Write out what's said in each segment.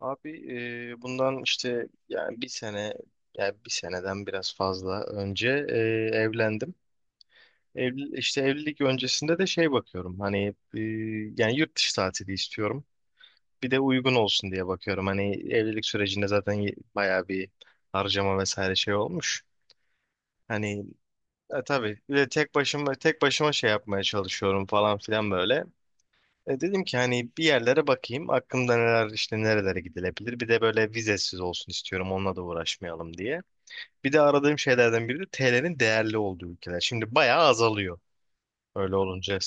Abi, bundan işte yani bir seneden biraz fazla önce evlendim. Evli, işte evlilik öncesinde de şey bakıyorum hani yani yurt dışı tatili istiyorum. Bir de uygun olsun diye bakıyorum. Hani evlilik sürecinde zaten bayağı bir harcama vesaire şey olmuş. Hani tabii bir de tek başıma şey yapmaya çalışıyorum falan filan böyle. Dedim ki hani bir yerlere bakayım. Aklımda neler, işte nerelere gidilebilir. Bir de böyle vizesiz olsun istiyorum. Onunla da uğraşmayalım diye. Bir de aradığım şeylerden biri de TL'nin değerli olduğu ülkeler. Şimdi bayağı azalıyor öyle olunca.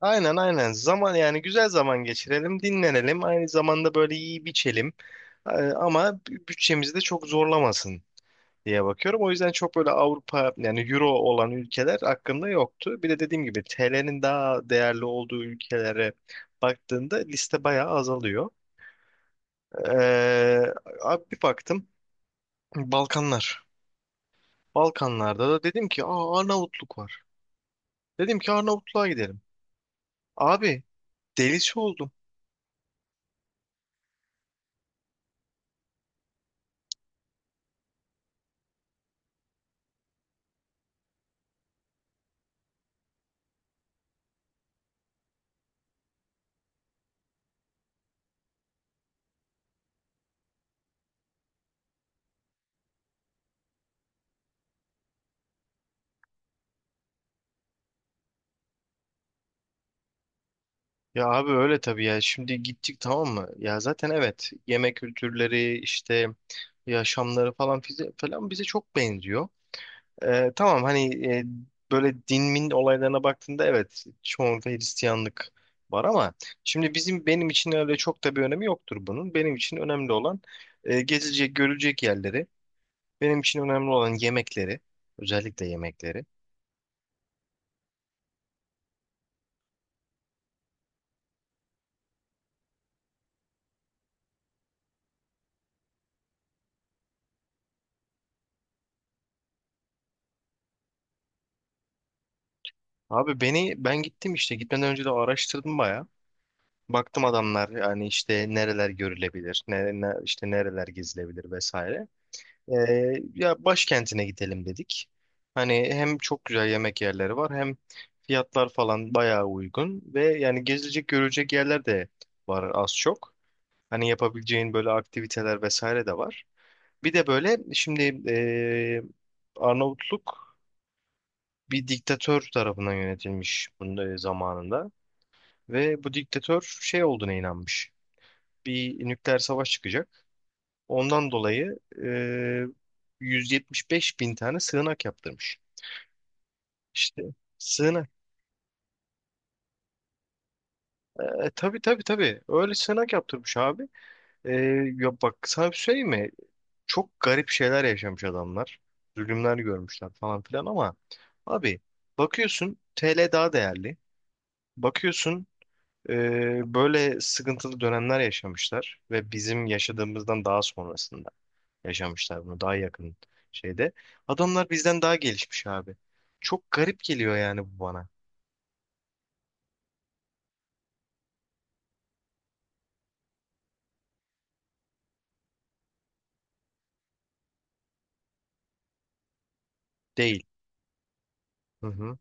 Aynen, aynen. Zaman, yani güzel zaman geçirelim, dinlenelim. Aynı zamanda böyle iyi biçelim. Ama bütçemizi de çok zorlamasın diye bakıyorum. O yüzden çok böyle Avrupa, yani Euro olan ülkeler hakkında yoktu. Bir de dediğim gibi TL'nin daha değerli olduğu ülkelere baktığında liste bayağı azalıyor. Ee, abi bir baktım, Balkanlar. Balkanlarda da dedim ki, aa, Arnavutluk var. Dedim ki Arnavutluğa gidelim. Abi, delisi oldum. Ya abi, öyle tabii ya. Şimdi gittik, tamam mı? Ya zaten evet, yemek kültürleri, işte yaşamları falan falan bize çok benziyor. Tamam hani böyle din min olaylarına baktığında evet, çoğunlukla Hristiyanlık var, ama şimdi bizim, benim için öyle çok da bir önemi yoktur bunun. Benim için önemli olan gezilecek, görülecek yerleri. Benim için önemli olan yemekleri, özellikle yemekleri. Abi, ben gittim, işte gitmeden önce de araştırdım baya. Baktım adamlar, yani işte nereler görülebilir, işte nereler gezilebilir vesaire. Ya başkentine gidelim dedik. Hani hem çok güzel yemek yerleri var, hem fiyatlar falan bayağı uygun ve yani gezilecek görecek yerler de var az çok. Hani yapabileceğin böyle aktiviteler vesaire de var. Bir de böyle şimdi ee, Arnavutluk bir diktatör tarafından yönetilmiş bunun zamanında ve bu diktatör şey olduğuna inanmış. Bir nükleer savaş çıkacak. Ondan dolayı 175 bin tane sığınak yaptırmış. İşte sığınak. Tabii tabii tabii. Öyle sığınak yaptırmış abi. E, ya bak, sana bir söyleyeyim mi? Çok garip şeyler yaşamış adamlar. Zulümler görmüşler falan filan ama abi, bakıyorsun TL daha değerli. Bakıyorsun böyle sıkıntılı dönemler yaşamışlar ve bizim yaşadığımızdan daha sonrasında. Yaşamışlar bunu daha yakın şeyde. Adamlar bizden daha gelişmiş abi. Çok garip geliyor yani bu bana. Değil. Hı hı.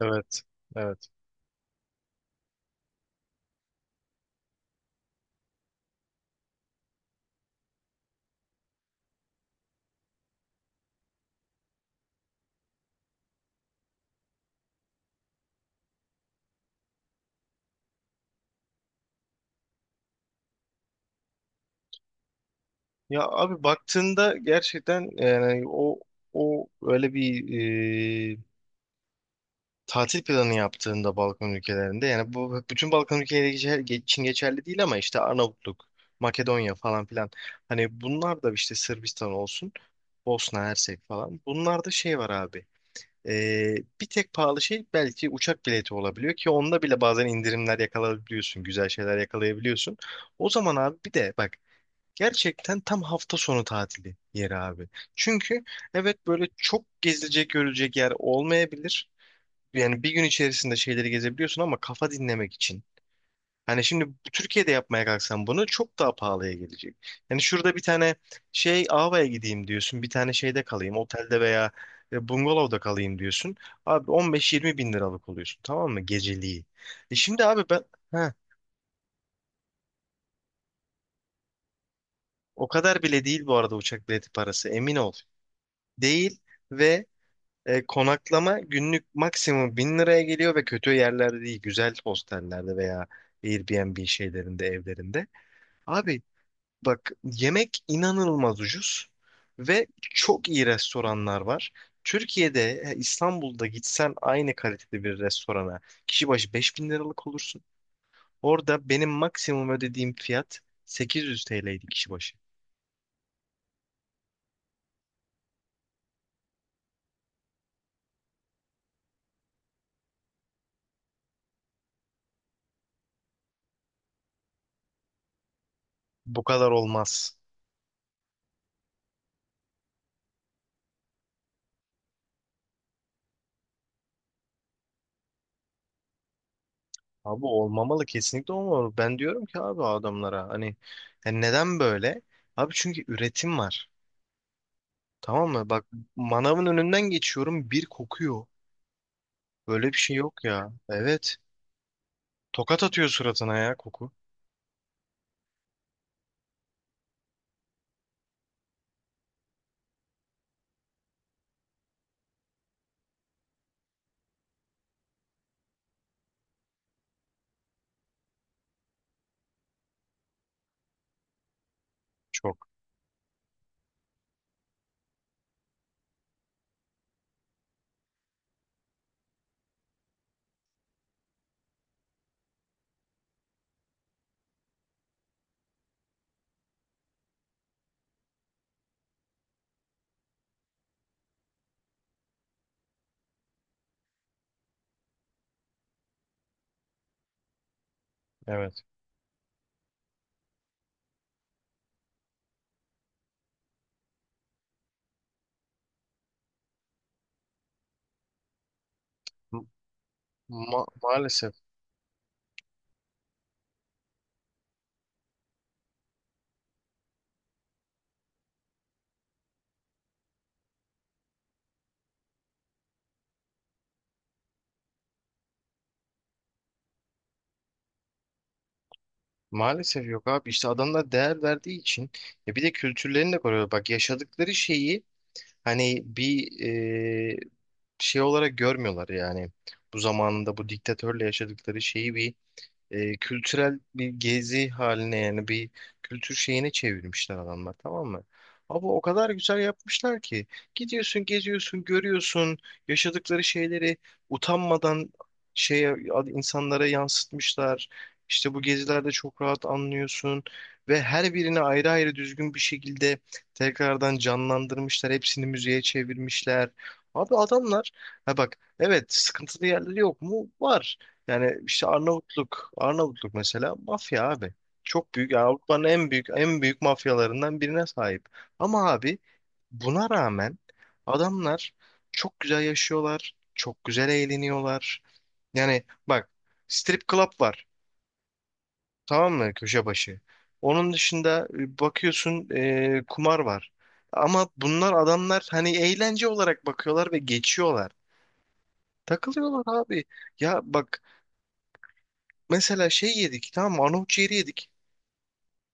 Evet. Evet. Ya abi, baktığında gerçekten yani o öyle bir e, tatil planı yaptığında Balkan ülkelerinde, yani bu bütün Balkan ülkeleri için geçerli değil ama işte Arnavutluk, Makedonya falan filan, hani bunlar da işte Sırbistan olsun, Bosna Hersek falan, bunlarda şey var abi. Bir tek pahalı şey belki uçak bileti olabiliyor ki onda bile bazen indirimler yakalayabiliyorsun, güzel şeyler yakalayabiliyorsun. O zaman abi, bir de bak, gerçekten tam hafta sonu tatili yeri abi. Çünkü evet, böyle çok gezilecek görülecek yer olmayabilir. Yani bir gün içerisinde şeyleri gezebiliyorsun ama kafa dinlemek için. Hani şimdi Türkiye'de yapmaya kalksan bunu çok daha pahalıya gelecek. Yani şurada bir tane şey, Ava'ya gideyim diyorsun. Bir tane şeyde kalayım. Otelde veya bungalovda kalayım diyorsun. Abi, 15-20 bin liralık oluyorsun. Tamam mı? Geceliği. Şimdi abi ben, heh, o kadar bile değil bu arada uçak bileti parası. Emin ol. Değil ve konaklama günlük maksimum bin liraya geliyor ve kötü yerlerde değil. Güzel hostellerde veya Airbnb şeylerinde, evlerinde. Abi, bak, yemek inanılmaz ucuz ve çok iyi restoranlar var. Türkiye'de, İstanbul'da gitsen aynı kalitede bir restorana kişi başı 5 bin liralık olursun. Orada benim maksimum ödediğim fiyat 800 TL'ydi kişi başı. Bu kadar olmaz. Abi, olmamalı, kesinlikle olmamalı. Ben diyorum ki abi, adamlara hani yani neden böyle? Abi, çünkü üretim var. Tamam mı? Bak, manavın önünden geçiyorum bir kokuyor. Böyle bir şey yok ya. Evet. Tokat atıyor suratına ya koku. Çok. Evet. Maalesef. Maalesef yok abi. İşte adamlar değer verdiği için, ya bir de kültürlerini de koruyorlar. Bak, yaşadıkları şeyi hani bir e, şey olarak görmüyorlar yani. Bu zamanında bu diktatörle yaşadıkları şeyi bir kültürel bir gezi haline, yani bir kültür şeyine çevirmişler adamlar, tamam mı? Ama o kadar güzel yapmışlar ki gidiyorsun, geziyorsun, görüyorsun yaşadıkları şeyleri utanmadan şeye, insanlara yansıtmışlar. İşte bu gezilerde çok rahat anlıyorsun ve her birini ayrı ayrı düzgün bir şekilde tekrardan canlandırmışlar. Hepsini müziğe çevirmişler. Abi adamlar, ha bak, evet sıkıntılı yerleri yok mu? Var. Yani işte Arnavutluk, Arnavutluk mesela, mafya abi. Çok büyük, yani Avrupa'nın en büyük en büyük mafyalarından birine sahip. Ama abi, buna rağmen adamlar çok güzel yaşıyorlar, çok güzel eğleniyorlar. Yani bak, strip club var. Tamam mı, köşe başı? Onun dışında bakıyorsun kumar var. Ama bunlar, adamlar hani eğlence olarak bakıyorlar ve geçiyorlar. Takılıyorlar abi. Ya bak, mesela şey yedik, tamam mı? Arnavut ciğeri yedik.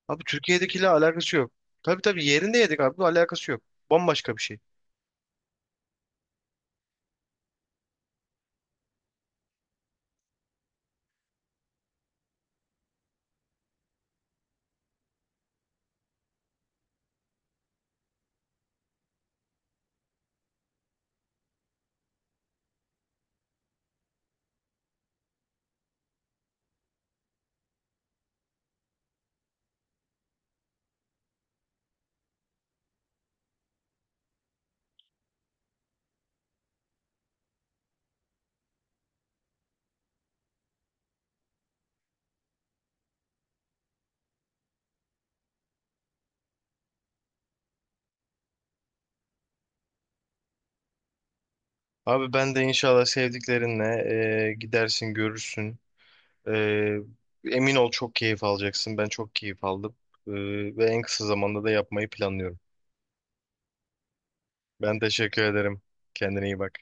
Abi, Türkiye'dekiyle alakası yok. Tabii tabii, yerinde yedik abi. Alakası yok. Bambaşka bir şey. Abi, ben de inşallah sevdiklerinle gidersin, görürsün. E, emin ol, çok keyif alacaksın. Ben çok keyif aldım. E, ve en kısa zamanda da yapmayı planlıyorum. Ben teşekkür ederim. Kendine iyi bak.